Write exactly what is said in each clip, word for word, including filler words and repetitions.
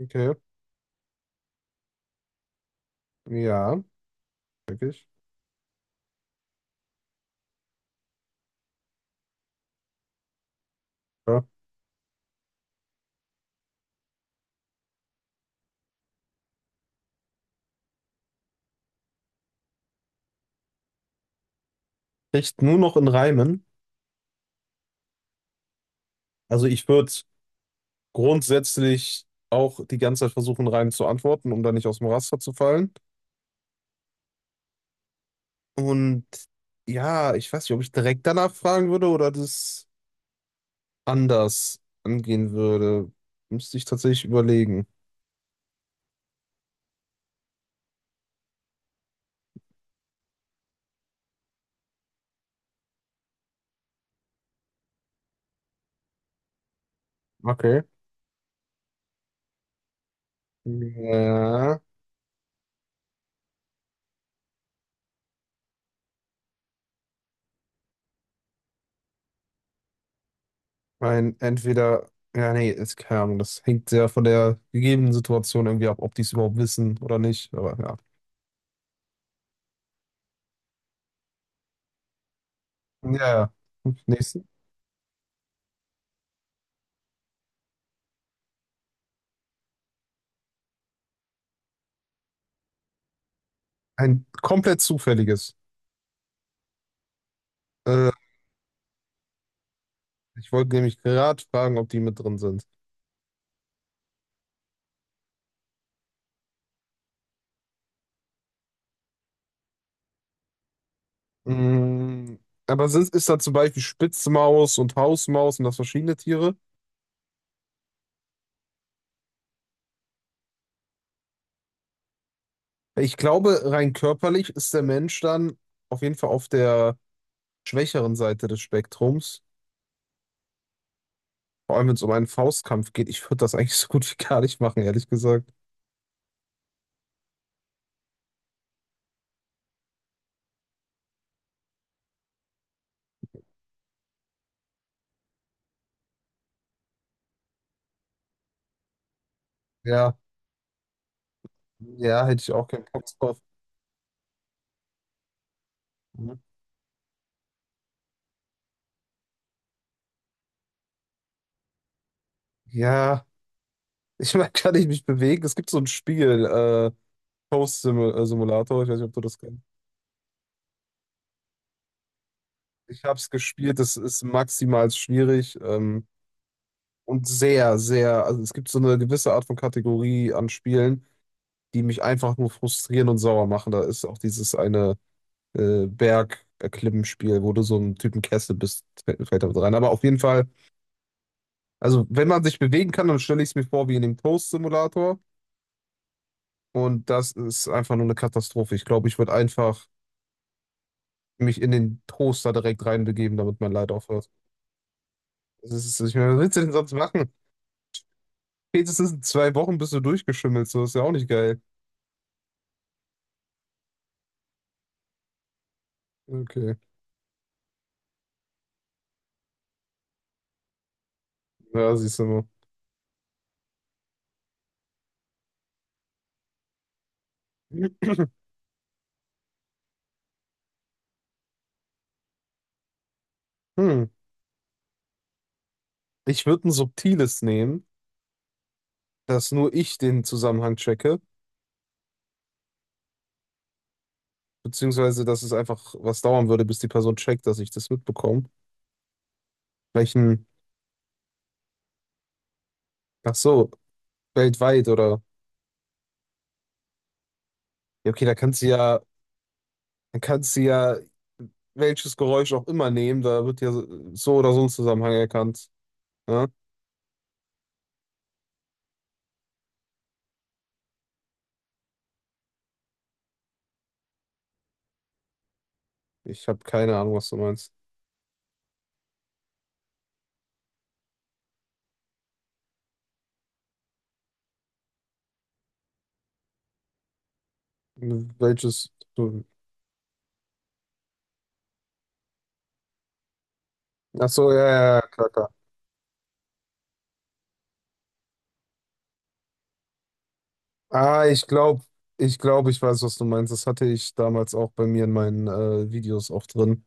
Okay. Ja, wirklich. Ja. Echt nur noch in Reimen. Also ich würde grundsätzlich auch die ganze Zeit versuchen, Reimen zu antworten, um da nicht aus dem Raster zu fallen. Und ja, ich weiß nicht, ob ich direkt danach fragen würde oder das anders angehen würde. Müsste ich tatsächlich überlegen. Okay. Ja, mein entweder, ja, nee, ist keine Ahnung, das hängt sehr von der gegebenen Situation irgendwie ab, ob die es überhaupt wissen oder nicht. Aber ja. Ja, ja. Nächstes. Ein komplett zufälliges. Äh, ich wollte nämlich gerade fragen, ob die mit drin sind. Mm, aber sind, ist da zum Beispiel Spitzmaus und Hausmaus und das verschiedene Tiere? Ich glaube, rein körperlich ist der Mensch dann auf jeden Fall auf der schwächeren Seite des Spektrums. Vor allem, wenn es um einen Faustkampf geht. Ich würde das eigentlich so gut wie gar nicht machen, ehrlich gesagt. Ja, ja, hätte ich auch keinen Bock drauf. Mhm. Ja, ich meine, kann ich mich bewegen? Es gibt so ein Spiel, äh, Post-Simulator, ich weiß nicht, ob du das kennst. Ich habe es gespielt, es ist maximal schwierig ähm, und sehr, sehr, also es gibt so eine gewisse Art von Kategorie an Spielen, die mich einfach nur frustrieren und sauer machen. Da ist auch dieses eine äh, Berg-Erklimmen-Spiel, wo du so einen Typen Kessel bist, fällt fällt damit rein. Aber auf jeden Fall, also wenn man sich bewegen kann, dann stelle ich es mir vor wie in dem Toast-Simulator und das ist einfach nur eine Katastrophe. Ich glaube, ich würde einfach mich in den Toaster direkt reinbegeben, damit mein Leid aufhört. Das ist, ich meine, was willst du denn sonst machen? Spätestens in zwei Wochen bist du durchgeschimmelt, so ist ja auch nicht geil. Okay, ja, siehst du mal. Hm. Ich würde ein subtiles nehmen, dass nur ich den Zusammenhang checke, beziehungsweise dass es einfach was dauern würde, bis die Person checkt, dass ich das mitbekomme. Welchen, ach so, weltweit oder, ja, okay, da kannst du ja, dann kannst du ja welches Geräusch auch immer nehmen, da wird ja so so oder so ein Zusammenhang erkannt. Ne? Ich habe keine Ahnung, was du meinst. Welches, du, ach so, ja, ja, ja, klar, klar. Ah, ich glaube, ich glaube, ich weiß, was du meinst. Das hatte ich damals auch bei mir in meinen äh, Videos auch drin.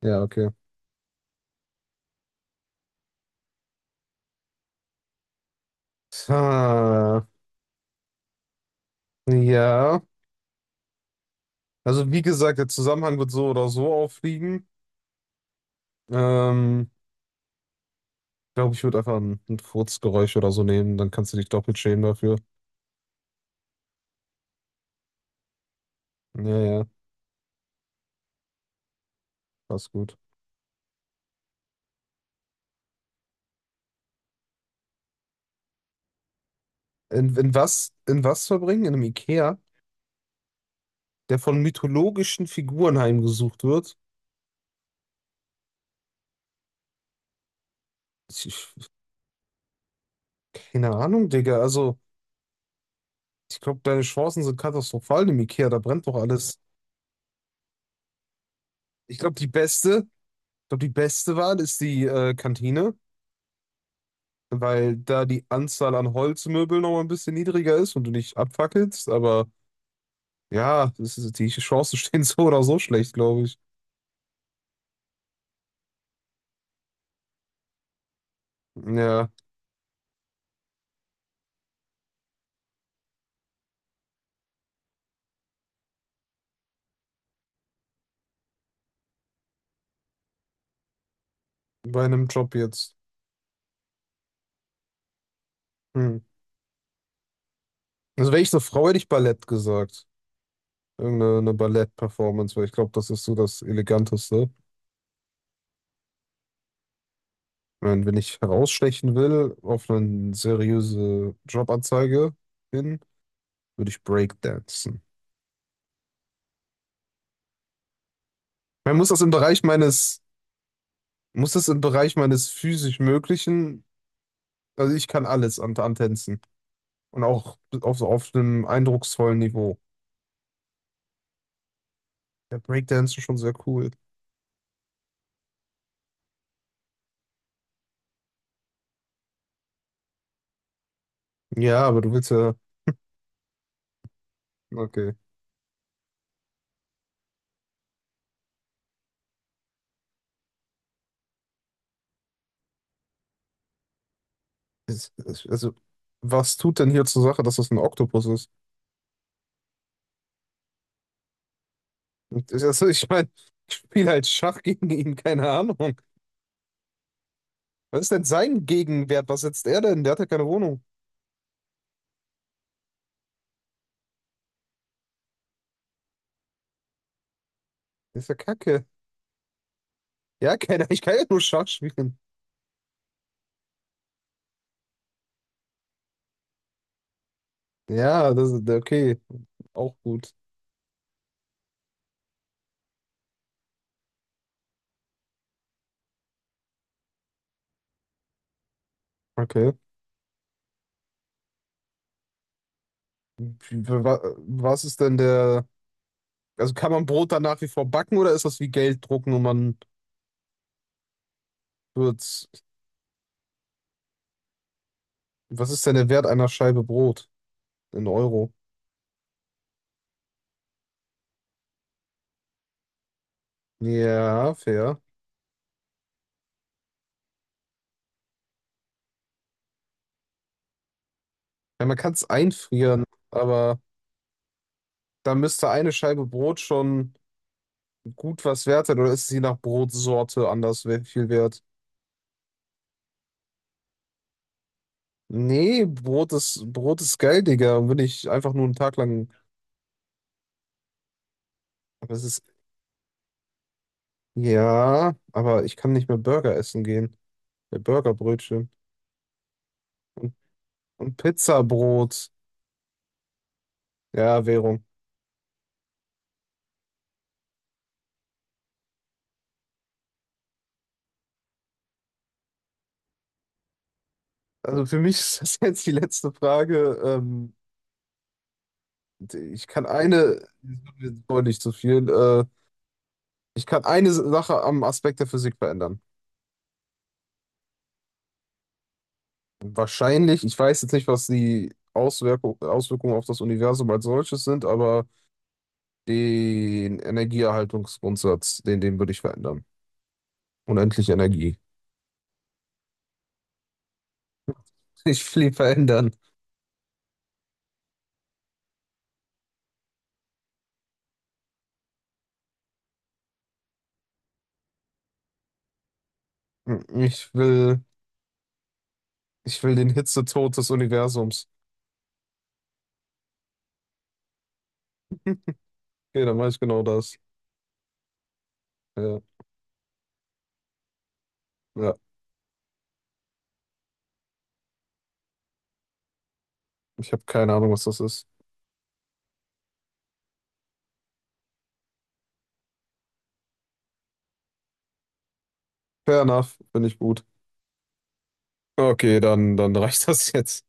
Ja, okay. Ha, ja. Also wie gesagt, der Zusammenhang wird so oder so auffliegen. Ähm, glaube, ich würde einfach ein, ein Furzgeräusch oder so nehmen. Dann kannst du dich doppelt schämen dafür. Ja, ja, passt gut. In, in was, in was verbringen? In einem Ikea, der von mythologischen Figuren heimgesucht wird? Ich, ich, keine Ahnung, Digga. Also. Ich glaube, deine Chancen sind katastrophal im Ikea, da brennt doch alles. Ich glaube, die beste, ich glaube, die beste Wahl ist die äh, Kantine, weil da die Anzahl an Holzmöbeln noch mal ein bisschen niedriger ist und du nicht abfackelst. Aber ja, das ist, die Chancen stehen so oder so schlecht, glaube ich. Ja, bei einem Job jetzt. Hm. Also wäre ich eine Frau, hätte ich Ballett gesagt. Irgendeine eine Ballett-Performance, weil ich glaube, das ist so das Eleganteste. Wenn, wenn ich herausstechen will, auf eine seriöse Jobanzeige hin würde ich Breakdancen. Man muss das im Bereich meines, muss das im Bereich meines physisch Möglichen, also ich kann alles an, an Tänzen und auch auf so auf einem eindrucksvollen Niveau. Ja, Breakdancen schon sehr cool. Ja, aber du willst ja, okay. Es- es- Also, was tut denn hier zur Sache, dass das ein Oktopus ist? Und das- Also, ich meine, ich spiele halt Schach gegen ihn, keine Ahnung. Was ist denn sein Gegenwert? Was setzt er denn? Der hat ja keine Wohnung. Das ist ja Kacke. Ja, keine, ich kann ja nur Schach spielen. Ja, das ist okay. Auch gut. Okay. Wie- wa- Was ist denn der. Also kann man Brot dann nach wie vor backen oder ist das wie Geld drucken und man wird's. Was ist denn der Wert einer Scheibe Brot in Euro? Ja, fair. Ja, man kann es einfrieren, aber da müsste eine Scheibe Brot schon gut was wert sein oder ist sie nach Brotsorte anders we- viel wert? Nee, Brot ist, Brot ist geil, Digga. Und Wenn ich einfach nur einen Tag lang. Aber es ist Ja, aber ich kann nicht mehr Burger essen gehen. Ja, Burgerbrötchen und, und Pizzabrot. Ja, Währung. Also für mich ist das jetzt die letzte Frage. Ähm, ich kann eine, wollte nicht zu viel, äh, ich kann eine Sache am Aspekt der Physik verändern. Wahrscheinlich, ich weiß jetzt nicht, was die Auswirkung, Auswirkungen auf das Universum als solches sind, aber den Energieerhaltungsgrundsatz, den, den würde ich verändern. Unendliche Energie. Ich will ihn verändern. Ich will. Ich will den Hitzetod des Universums. Okay, dann mache ich genau das. Ja, ja. Ich habe keine Ahnung, was das ist. Fair enough, bin ich gut. Okay, dann, dann reicht das jetzt.